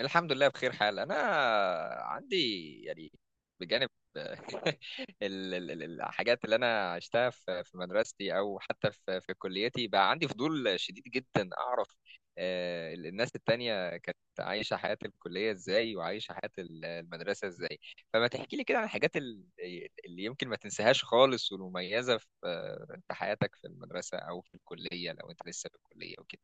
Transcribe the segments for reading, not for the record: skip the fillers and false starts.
الحمد لله بخير حال. انا عندي يعني بجانب الحاجات اللي انا عشتها في مدرستي او حتى في كليتي، بقى عندي فضول شديد جدا اعرف الناس التانية كانت عايشة حياة الكلية ازاي، وعايشة حياة المدرسة ازاي. فما تحكي لي كده عن الحاجات اللي يمكن ما تنساهاش خالص والمميزة في حياتك في المدرسة او في الكلية لو انت لسه في الكلية وكده.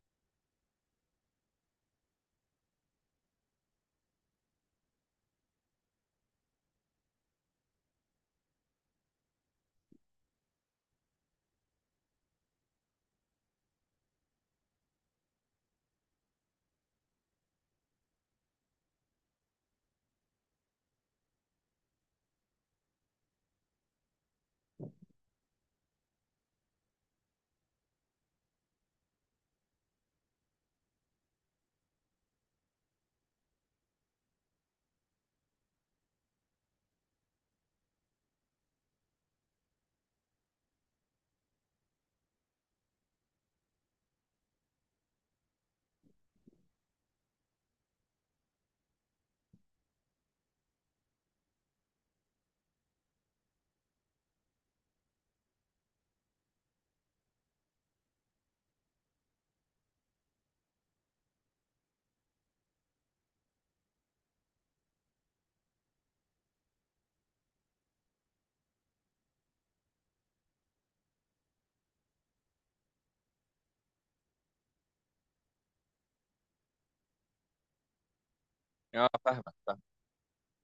اه، فاهمك.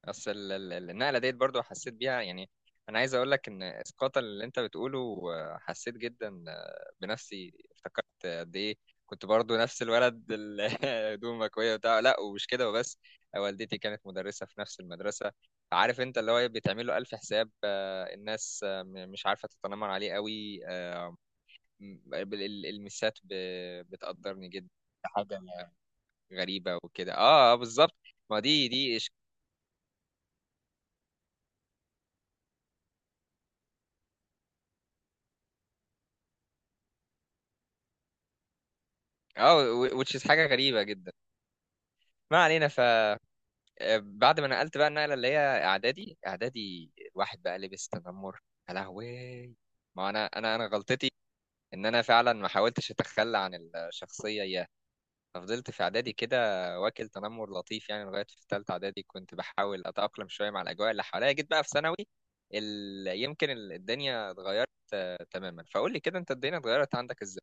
بس النقله ديت برضو حسيت بيها، يعني انا عايز اقول لك ان اسقاط اللي انت بتقوله حسيت جدا بنفسي، افتكرت قد ايه كنت برضو نفس الولد هدومه مكويه بتاع لا ومش كده وبس. والدتي كانت مدرسه في نفس المدرسه، عارف انت اللي هو بيتعمل له الف حساب. الناس مش عارفه تتنمر عليه قوي. المسات بتقدرني جدا. حاجه غريبه وكده، اه، بالظبط، ما دي اه، which is حاجة غريبة جدا. ما علينا، ف بعد ما نقلت بقى النقلة اللي هي اعدادي، اعدادي الواحد بقى لبس تنمر، يا لهوي. ما انا غلطتي ان انا فعلا ما حاولتش اتخلى عن الشخصية اياها. ففضلت في اعدادي كده واكل تنمر لطيف يعني لغاية في ثالثة اعدادي. كنت بحاول اتأقلم شوية مع الاجواء اللي حواليا، جيت بقى في ثانوي، ال... يمكن الدنيا اتغيرت. تماما، فقول لي كده انت الدنيا اتغيرت عندك ازاي.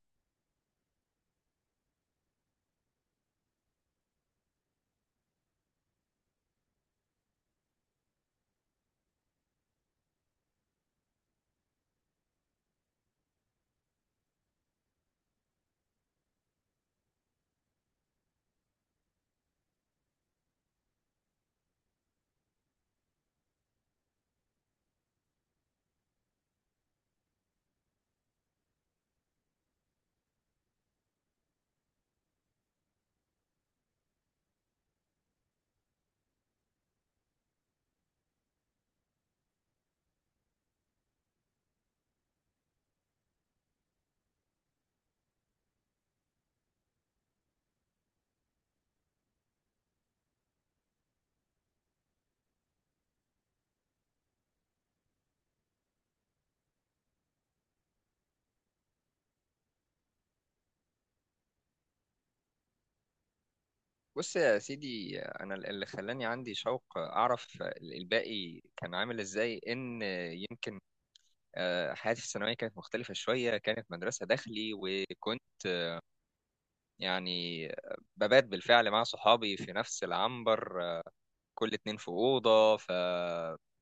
بص يا سيدي، انا اللي خلاني عندي شوق اعرف الباقي كان عامل ازاي ان يمكن حياتي في الثانويه كانت مختلفه شويه. كانت مدرسه داخلي، وكنت يعني ببات بالفعل مع صحابي في نفس العنبر، كل اتنين في اوضه. ف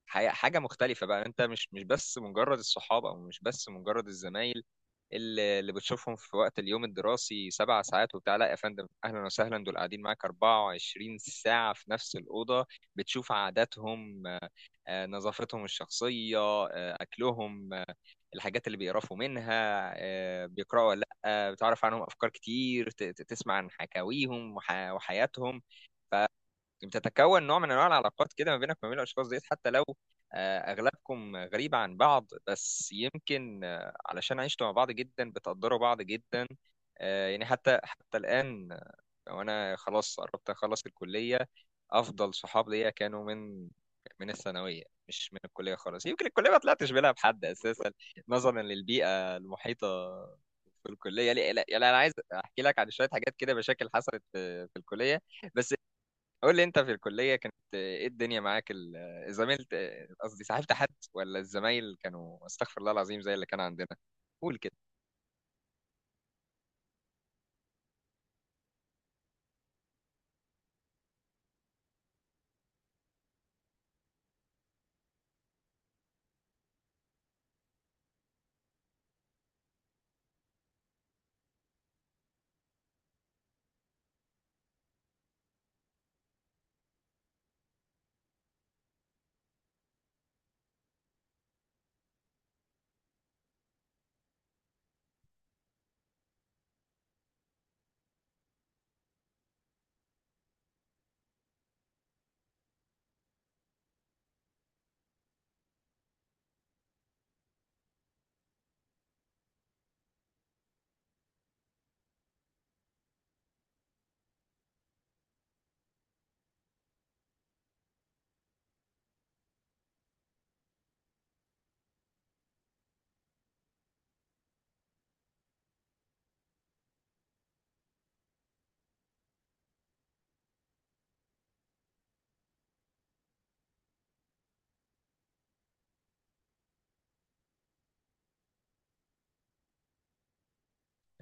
حاجه مختلفه بقى، انت مش بس مجرد الصحاب، او مش بس مجرد الزمايل اللي بتشوفهم في وقت اليوم الدراسي 7 ساعات وبتاع، لا يا فندم اهلا وسهلا، دول قاعدين معاك 24 ساعه في نفس الاوضه. بتشوف عاداتهم، نظافتهم الشخصيه، اكلهم، الحاجات اللي بيقرفوا منها، بيقراوا ولا لا، بتعرف عنهم افكار كتير، تسمع عن حكاويهم وحياتهم. بتتكون نوع من انواع العلاقات كده ما بينك وما بين الاشخاص ديت، حتى لو اغلبكم غريب عن بعض، بس يمكن علشان عشتوا مع بعض جدا بتقدروا بعض جدا. يعني حتى الان وانا خلاص قربت اخلص الكليه، افضل صحاب ليا كانوا من الثانويه، مش من الكليه خالص. يمكن الكليه ما طلعتش بينها بحد اساسا نظرا للبيئه المحيطه في الكليه. لا لا لا، انا عايز احكي لك عن شويه حاجات كده، مشاكل حصلت في الكليه، بس قول لي انت في الكلية كانت ايه الدنيا معاك، زميلت، قصدي صاحبت حد ولا الزمايل كانوا استغفر الله العظيم زي اللي كان عندنا؟ قول كده.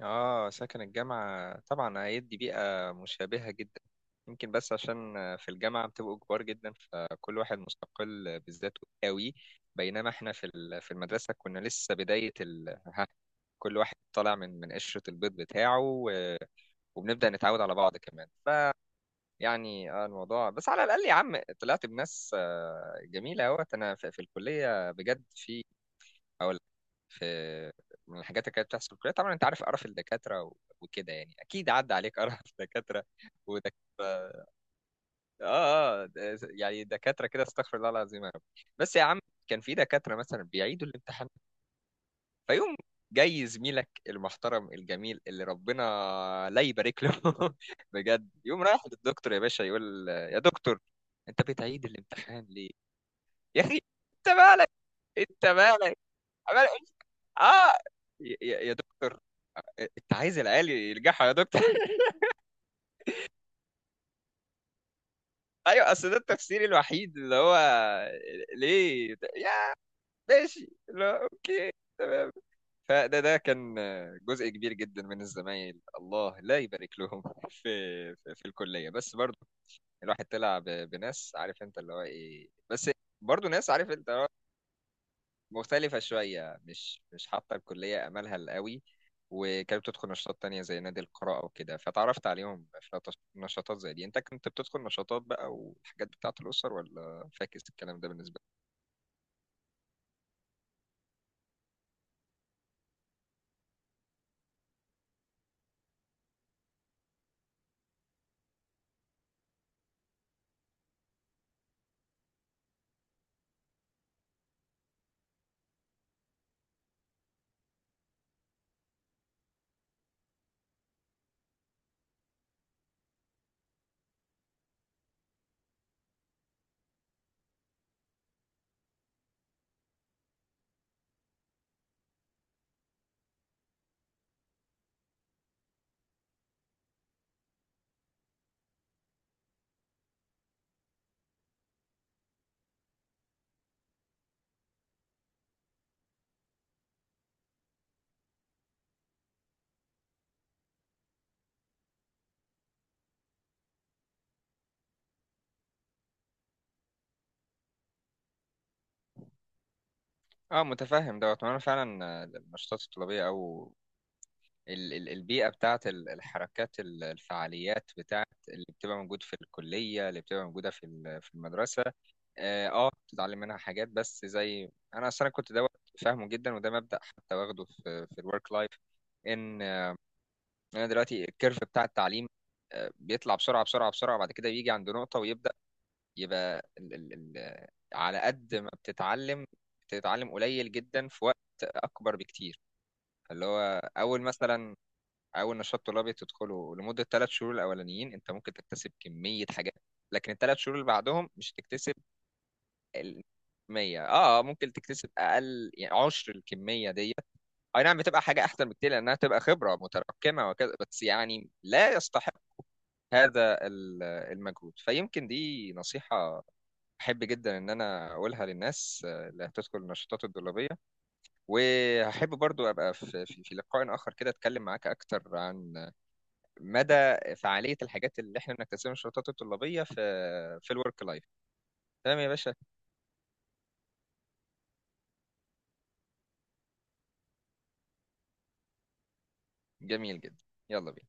اه، سكن الجامعة طبعا هيدي بيئة مشابهة جدا، يمكن بس عشان في الجامعة بتبقوا كبار جدا فكل واحد مستقل بذاته قوي، بينما احنا في في المدرسة كنا لسه بداية ال، ها، كل واحد طالع من قشرة البيض بتاعه، و... وبنبدأ نتعود على بعض كمان، يعني. الموضوع بس على الأقل يا عم طلعت بناس جميلة أهوت أنا في, في الكلية بجد. في أقول، في من الحاجات اللي كانت بتحصل في الكلية، طبعا أنت عارف قرف الدكاترة و- وكده، يعني أكيد عدى عليك قرف دكاترة ودكاترة. آه، يعني دكاترة كده، استغفر الله العظيم يا رب. بس يا عم كان في دكاترة مثلا بيعيدوا الامتحان، فيقوم جاي زميلك المحترم الجميل اللي ربنا لا يبارك له بجد، يقوم رايح للدكتور يا باشا، يقول يا دكتور انت بتعيد الامتحان ليه، يا اخي انت مالك. انت مالك. عمال يقول اه، يا دكتور انت عايز العيال ينجحوا يا دكتور ايوه، اصل ده التفسير الوحيد اللي هو ليه يا، ماشي اللي هو، اوكي، تمام. فده ده كان جزء كبير جدا من الزمايل، الله لا يبارك لهم في في, في الكليه. بس برضو الواحد طلع بناس، عارف انت اللي هو ايه، بس برضو ناس عارف انت اللي هو مختلفه شويه، مش حاطه الكليه املها قوي، وكانت بتدخل نشاطات تانية زي نادي القراءة وكده، فتعرفت عليهم في نشاطات زي دي. انت كنت بتدخل نشاطات بقى والحاجات بتاعة الأسر ولا فاكس الكلام ده بالنسبة لك؟ اه، متفهم دوت. ما انا فعلا النشاطات الطلابية او البيئة بتاعت الحركات، الفعاليات بتاعت اللي بتبقى موجود في الكلية، اللي بتبقى موجودة في في المدرسة، اه بتتعلم منها حاجات، بس زي انا اصلا كنت دوت فاهمه جدا، وده مبدأ حتى واخده في في الورك لايف. ان انا دلوقتي الكيرف بتاع التعليم بيطلع بسرعة بسرعة بسرعة، بعد كده بيجي عند نقطة ويبدأ يبقى ال على قد ما بتتعلم، بتتعلم قليل جدا في وقت اكبر بكتير، اللي هو اول مثلا، او النشاط الطلابي تدخله لمده 3 شهور الاولانيين انت ممكن تكتسب كميه حاجات، لكن الـ3 شهور اللي بعدهم مش هتكتسب الكميه، اه، ممكن تكتسب اقل، يعني 1/10 الكميه دي. اي نعم بتبقى حاجه احسن بكتير لانها تبقى خبره متراكمه وكذا، بس يعني لا يستحق هذا المجهود. فيمكن دي نصيحه احب جدا ان انا اقولها للناس اللي هتدخل النشاطات الطلابيه، وهحب برضو ابقى في في في لقاء اخر كده اتكلم معاك اكتر عن مدى فعاليه الحاجات اللي احنا بنكتسبها من الشروطات الطلابيه في في الورك لايف. تمام يا باشا، جميل جدا، يلا بينا.